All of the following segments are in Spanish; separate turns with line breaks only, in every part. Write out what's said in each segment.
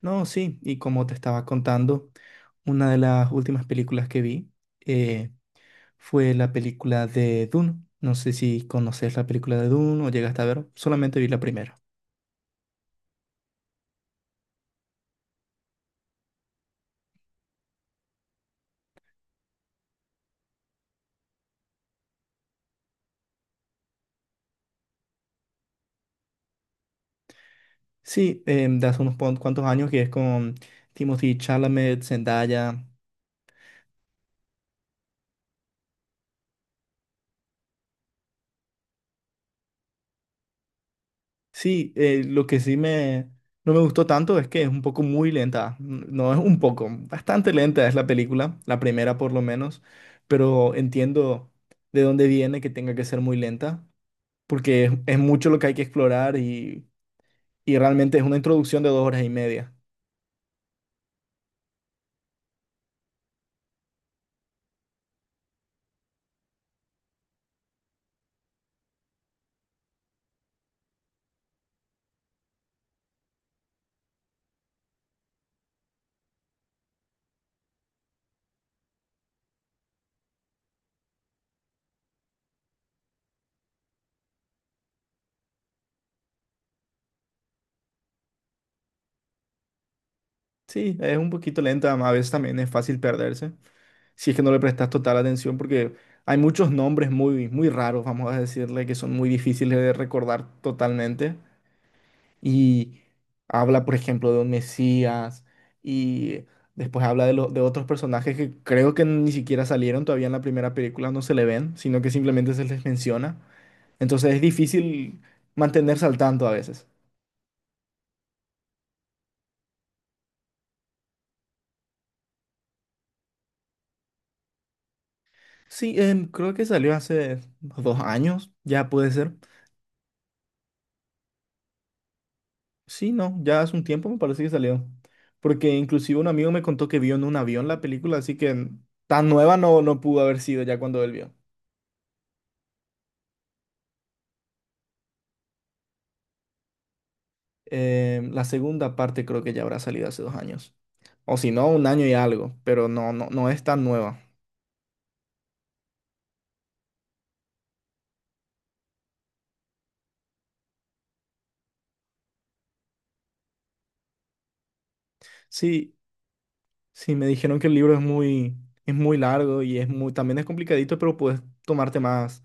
No, sí, y como te estaba contando, una de las últimas películas que vi eh, fue la película de Dune. No sé si conoces la película de Dune o llegaste a ver, solamente vi la primera. Sí, de hace unos cuantos años que es con Timothy Chalamet, Zendaya. Sí, lo que sí me, no me gustó tanto es que es un poco muy lenta. No es un poco, bastante lenta es la película, la primera por lo menos, pero entiendo de dónde viene que tenga que ser muy lenta porque es mucho lo que hay que explorar y realmente es una introducción de 2 horas y media. Sí, es un poquito lenta, a veces también es fácil perderse, si es que no le prestas total atención, porque hay muchos nombres muy, muy raros, vamos a decirle, que son muy difíciles de recordar totalmente. Y habla, por ejemplo, de un Mesías y después habla de otros personajes que creo que ni siquiera salieron todavía en la primera película, no se le ven, sino que simplemente se les menciona. Entonces es difícil mantenerse al tanto a veces. Sí, creo que salió hace 2 años, ya puede ser. Sí, no, ya hace un tiempo me parece que salió. Porque inclusive un amigo me contó que vio en un avión la película, así que tan nueva no pudo haber sido ya cuando él vio. La segunda parte creo que ya habrá salido hace 2 años. O si no, un año y algo, pero no es tan nueva. Sí, sí, me dijeron que el libro es muy, largo y también es complicadito, pero puedes tomarte más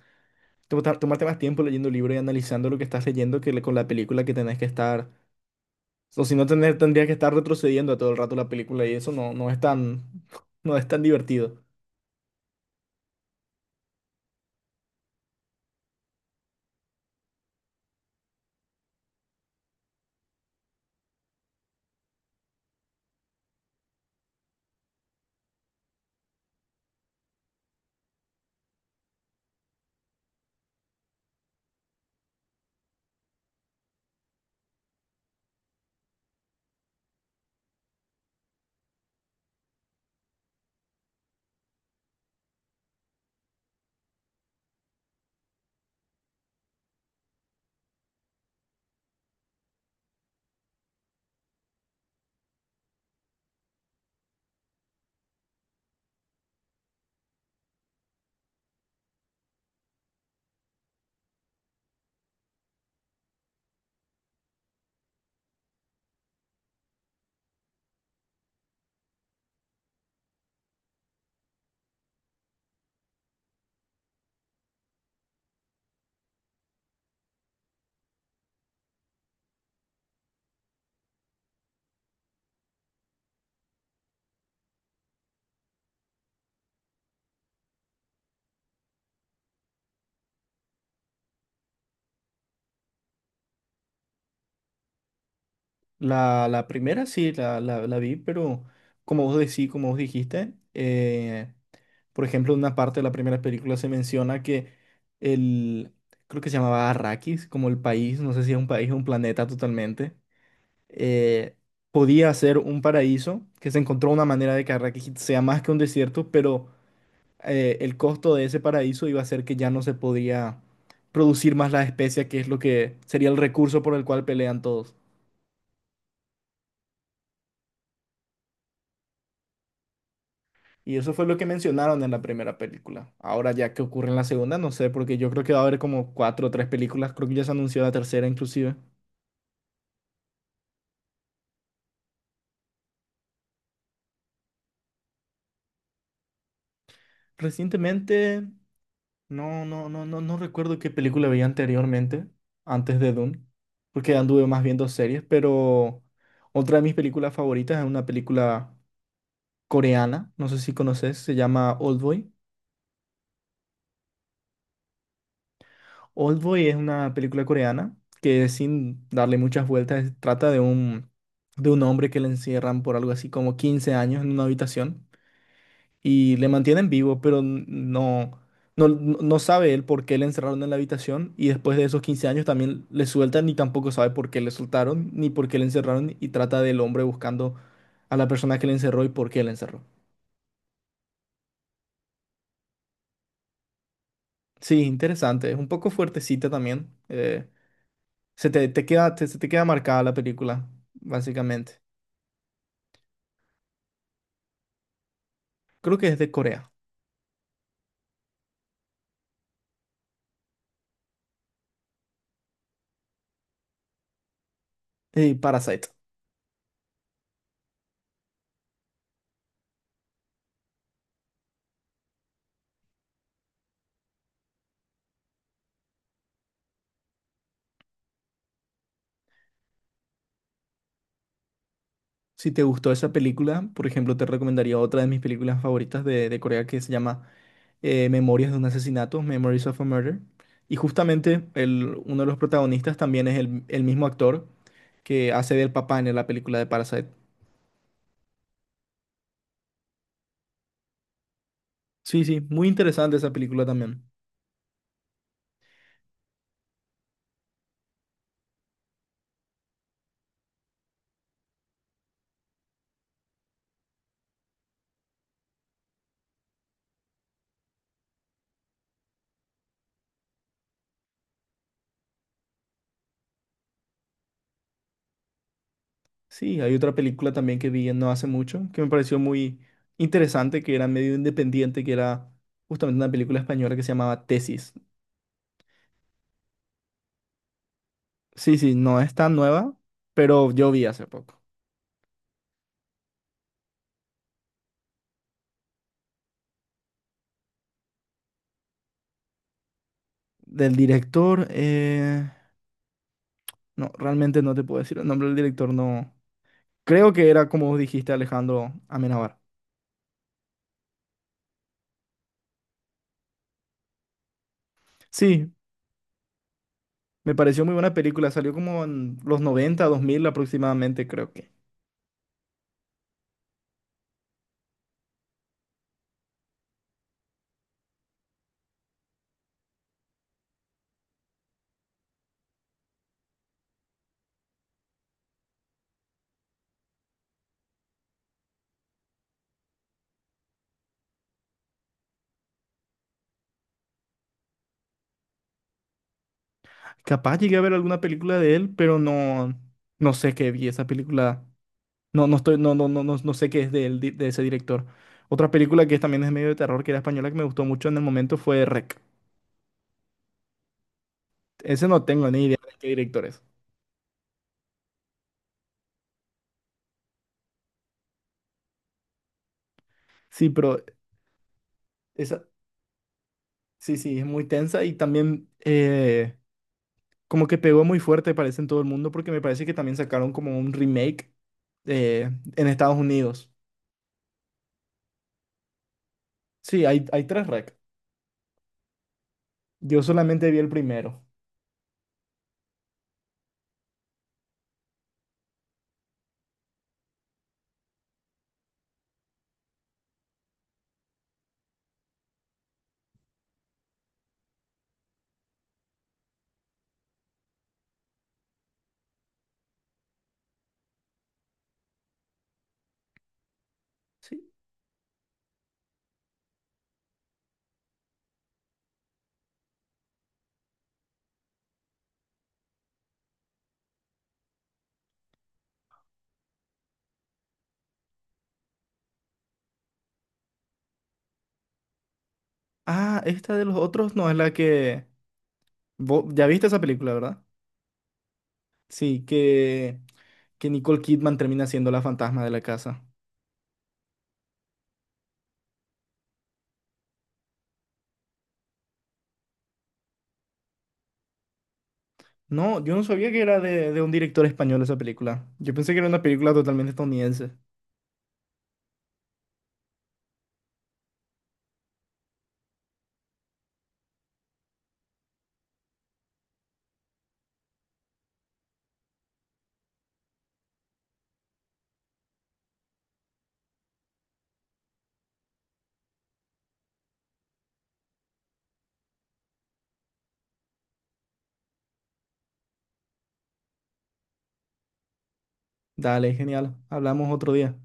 tomar- tomarte más tiempo leyendo el libro y analizando lo que estás leyendo con la película que tenés que estar. O si no, tendrías que estar retrocediendo a todo el rato la película y eso no es tan, no es tan divertido. La primera sí, la vi, pero como vos decís, por ejemplo, en una parte de la primera película se menciona que el, creo que se llamaba Arrakis, como el país, no sé si es un país o un planeta totalmente eh, podía ser un paraíso, que se encontró una manera de que Arrakis sea más que un desierto, pero el costo de ese paraíso iba a ser que ya no se podía producir más la especia, que es lo que sería el recurso por el cual pelean todos. Y eso fue lo que mencionaron en la primera película. Ahora ya que ocurre en la segunda, no sé, porque yo creo que va a haber como cuatro o tres películas, creo que ya se anunció la tercera inclusive. Recientemente no recuerdo qué película veía anteriormente, antes de Dune, porque anduve más viendo series, pero otra de mis películas favoritas es una película coreana, no sé si conoces, se llama Oldboy. Oldboy es una película coreana que sin darle muchas vueltas trata de un hombre que le encierran por algo así como 15 años en una habitación y le mantienen vivo, pero no, no sabe él por qué le encerraron en la habitación y después de esos 15 años también le sueltan y tampoco sabe por qué le soltaron ni por qué le encerraron y trata del hombre buscando a la persona que le encerró y por qué le encerró. Sí, interesante, es un poco fuertecita también. Se te queda marcada la película, básicamente. Creo que es de Corea. Parasite. Si te gustó esa película, por ejemplo, te recomendaría otra de mis películas favoritas de Corea que se llama Memorias de un asesinato, Memories of a Murder. Y justamente uno de los protagonistas también es el mismo actor que hace del papá en la película de Parasite. Sí, sí, muy interesante esa película también. Sí, hay otra película también que vi no hace mucho que me pareció muy interesante, que era medio independiente, que era justamente una película española que se llamaba Tesis. Sí, sí, no es tan nueva, pero yo vi hace poco. Del director, no, realmente no te puedo decir el nombre del director, no, creo que era como dijiste Alejandro Amenábar. Sí, me pareció muy buena película. Salió como en los 90 2000 aproximadamente, creo que. Capaz llegué a ver alguna película de él, pero no, no sé qué vi esa película. No, no estoy, no, no sé qué es de él, de ese director. Otra película que también es medio de terror, que era española, que me gustó mucho en el momento fue REC. Ese no tengo ni idea de qué director es. Sí, pero esa, sí, sí, es muy tensa y también como que pegó muy fuerte, parece, en todo el mundo, porque me parece que también sacaron como un remake en Estados Unidos. Sí, hay 3 rec. Yo solamente vi el primero. Sí. Ah, esta de los otros no es la que... ya viste esa película, ¿verdad? Sí, que Nicole Kidman termina siendo la fantasma de la casa. No, yo no sabía que era de un director español esa película. Yo pensé que era una película totalmente estadounidense. Dale, genial. Hablamos otro día.